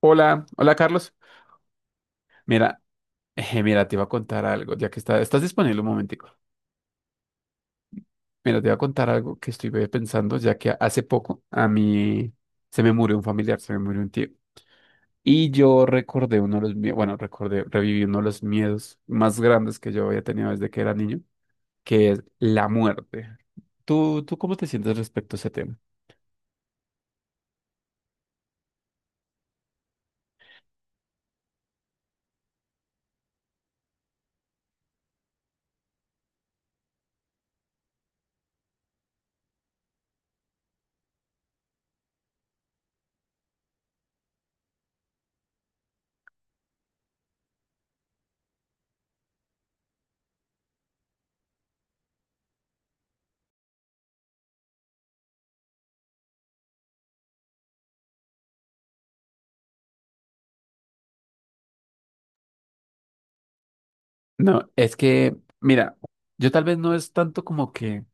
Hola, hola Carlos. Mira, mira, te iba a contar algo, ya que estás disponible un momentico. Mira, te iba a contar algo que estuve pensando, ya que hace poco a mí se me murió un familiar, se me murió un tío. Y yo recordé uno de los miedos, bueno, recordé, reviví uno de los miedos más grandes que yo había tenido desde que era niño, que es la muerte. ¿Tú cómo te sientes respecto a ese tema? No, es que, mira, yo tal vez no es tanto como que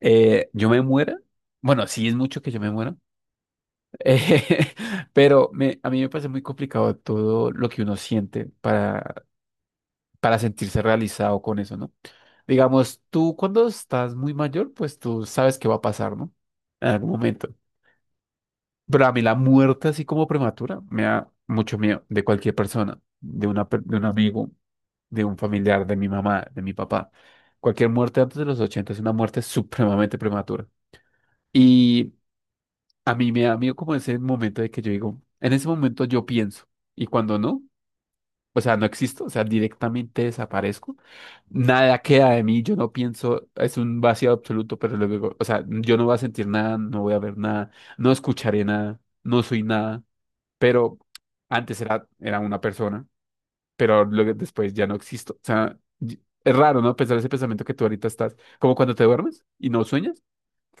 yo me muera. Bueno, sí es mucho que yo me muera, Eh, pero a mí me parece muy complicado todo lo que uno siente para sentirse realizado con eso, ¿no? Digamos, tú cuando estás muy mayor, pues tú sabes qué va a pasar, ¿no? En algún momento. Pero a mí la muerte así como prematura me da mucho miedo de cualquier persona, de un amigo, de un familiar, de mi mamá, de mi papá. Cualquier muerte antes de los 80 es una muerte supremamente prematura. A mí me da miedo como ese momento de que yo digo, en ese momento yo pienso, y cuando no, o sea, no existo, o sea, directamente desaparezco, nada queda de mí, yo no pienso, es un vacío absoluto, pero luego, o sea, yo no voy a sentir nada, no voy a ver nada, no escucharé nada, no soy nada, pero antes era, era una persona, pero luego después ya no existo, o sea, es raro, ¿no? Pensar ese pensamiento que tú ahorita estás, como cuando te duermes y no sueñas.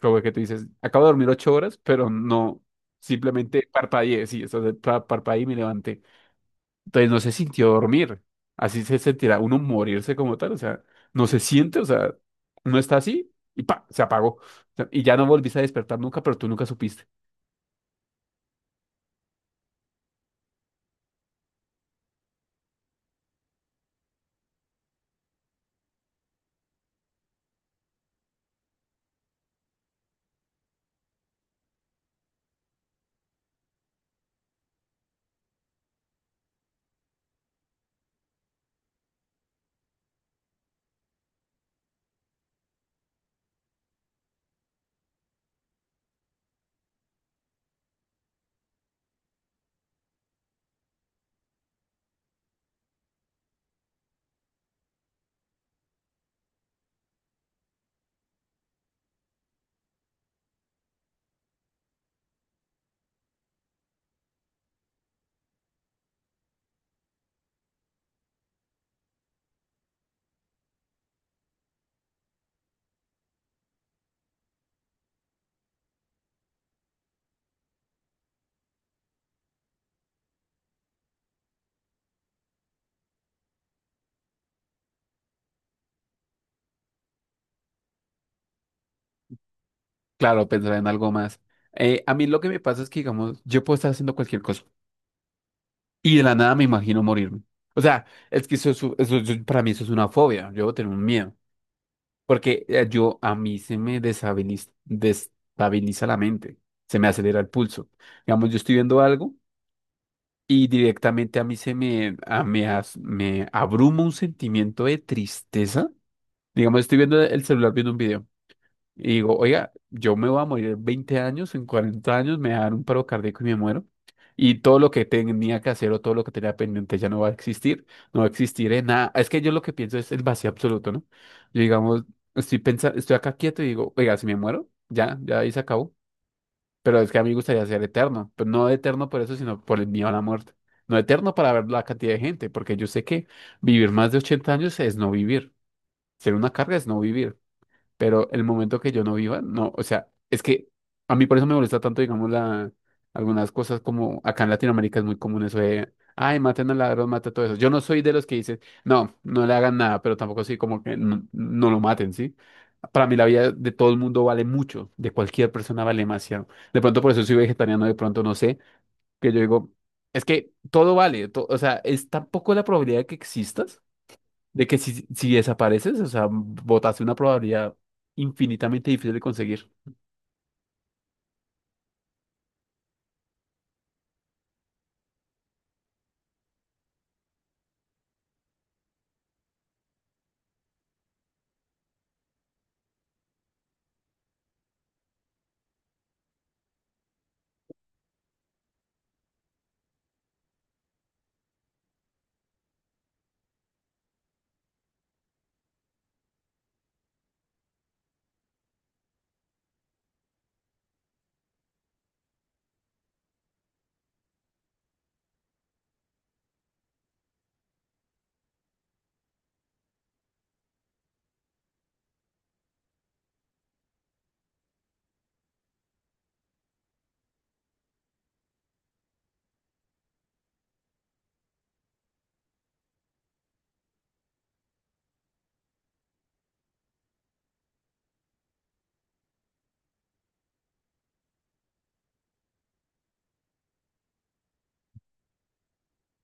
Como que tú dices, acabo de dormir 8 horas, pero no, simplemente parpadeé, sí, eso de parpadeé y me levanté. Entonces no se sintió dormir, así se sentirá uno morirse como tal, o sea, no se siente, o sea, no está así y pa, se apagó. O sea, y ya no volviste a despertar nunca, pero tú nunca supiste. Claro, pensar en algo más. A mí lo que me pasa es que, digamos, yo puedo estar haciendo cualquier cosa y de la nada me imagino morirme. O sea, es que eso, para mí eso es una fobia, yo tengo un miedo. Porque yo, a mí se me destabiliza la mente, se me acelera el pulso. Digamos, yo estoy viendo algo y directamente a mí se me, me, me abruma un sentimiento de tristeza. Digamos, estoy viendo el celular viendo un video. Y digo, oiga, yo me voy a morir en 20 años, en 40 años, me va a dar un paro cardíaco y me muero. Y todo lo que tenía que hacer o todo lo que tenía pendiente ya no va a existir, no va a existir en nada. Es que yo lo que pienso es el vacío absoluto, ¿no? Yo, digamos, estoy pensando, estoy acá quieto y digo, oiga, si me muero, ya ahí se acabó. Pero es que a mí me gustaría ser eterno, pero no eterno por eso, sino por el miedo a la muerte. No eterno para ver la cantidad de gente, porque yo sé que vivir más de 80 años es no vivir. Ser una carga es no vivir. Pero el momento que yo no viva, no, o sea, es que a mí por eso me molesta tanto, digamos, la, algunas cosas como acá en Latinoamérica es muy común eso de, ay, maten al ladrón, mata todo eso. Yo no soy de los que dicen, no, no le hagan nada, pero tampoco soy como que no, no lo maten, ¿sí? Para mí la vida de todo el mundo vale mucho, de cualquier persona vale demasiado. De pronto por eso soy vegetariano, de pronto no sé, que yo digo, es que todo vale, o sea, es tan poco la probabilidad de que existas de que si, si desapareces, o sea, botaste una probabilidad infinitamente difícil de conseguir.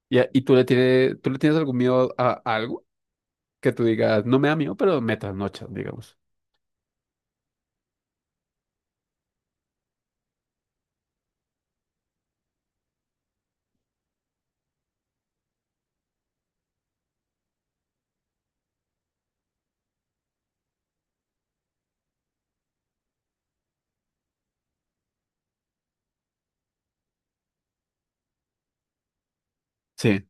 Y, y tú le tienes algún miedo a, algo que tú digas, no me da miedo, pero me trasnocha, digamos. Sí,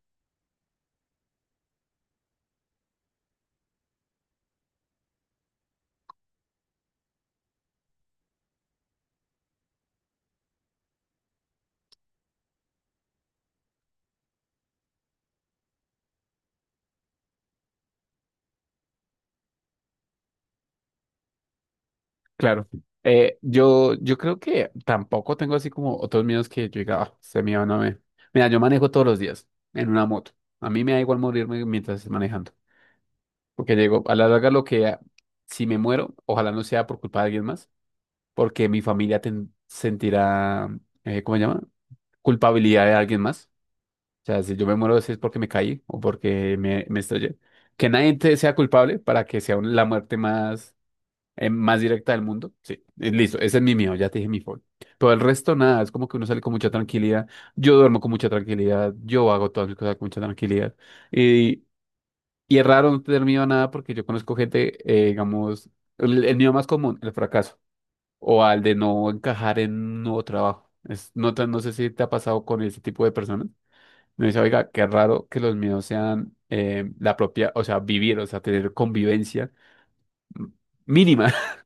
claro. Yo, yo creo que tampoco tengo así como otros miedos que yo diga, ah, ese miedo no me. Mira, yo manejo todos los días en una moto. A mí me da igual morirme mientras esté manejando. Porque llego, a la larga lo que, si me muero, ojalá no sea por culpa de alguien más, porque mi familia sentirá, ¿cómo se llama? Culpabilidad de alguien más. O sea, si yo me muero, si es porque me caí o porque me estrellé. Que nadie te sea culpable para que sea la muerte más, más directa del mundo. Sí, listo, ese es mi miedo, ya te dije mi fobi. Todo el resto, nada, es como que uno sale con mucha tranquilidad. Yo duermo con mucha tranquilidad, yo hago todas mis cosas con mucha tranquilidad. Y, y es raro no tener miedo a nada porque yo conozco gente, digamos, el miedo más común, el fracaso o al de no encajar en un nuevo trabajo. Es, no, no sé si te ha pasado con ese tipo de personas. Me dice, oiga, qué raro que los míos sean la propia, o sea, vivir, o sea, tener convivencia mm, mínima.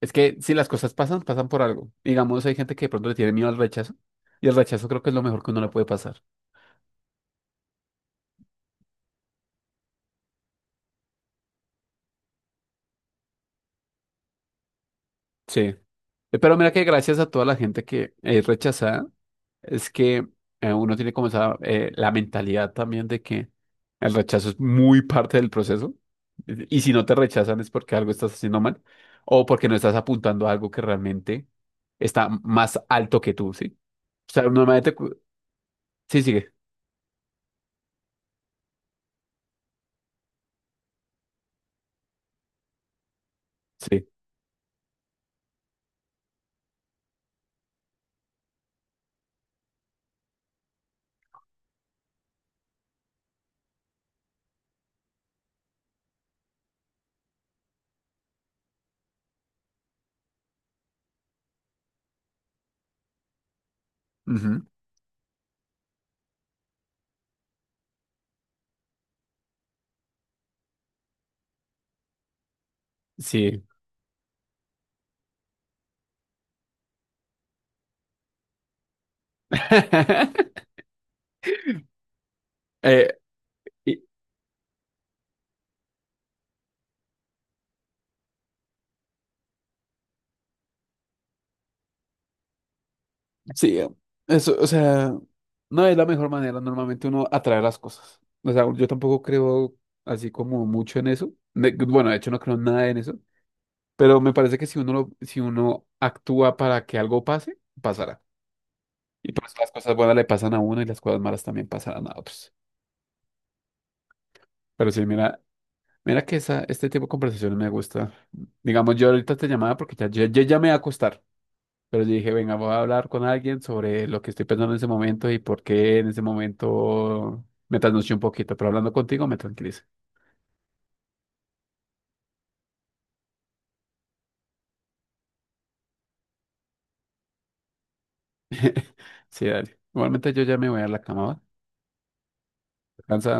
Es que si las cosas pasan, pasan por algo. Digamos, hay gente que de pronto le tiene miedo al rechazo, y el rechazo creo que es lo mejor que uno le puede pasar. Sí. Pero mira que gracias a toda la gente que es rechazada, es que uno tiene como esa, la mentalidad también de que el rechazo es muy parte del proceso. Y si no te rechazan es porque algo estás haciendo mal o porque no estás apuntando a algo que realmente está más alto que tú, ¿sí? O sea, normalmente... Sí, sigue. Sí. Ujú. Sí. Eh, y- sí, eso, o sea... No es la mejor manera normalmente uno atrae las cosas. O sea, yo tampoco creo así como mucho en eso. Bueno, de hecho no creo nada en eso. Pero me parece que si uno, si uno actúa para que algo pase, pasará. Y pues las cosas buenas le pasan a uno y las cosas malas también pasarán a otros. Pero sí, mira, mira que esa, este tipo de conversaciones me gusta. Digamos, yo ahorita te llamaba porque ya me voy a acostar. Pero yo dije, venga, voy a hablar con alguien sobre lo que estoy pensando en ese momento y por qué en ese momento me trasnoché un poquito, pero hablando contigo me tranquiliza. Sí, dale. Igualmente yo ya me voy a la cama, ¿va? Descansa.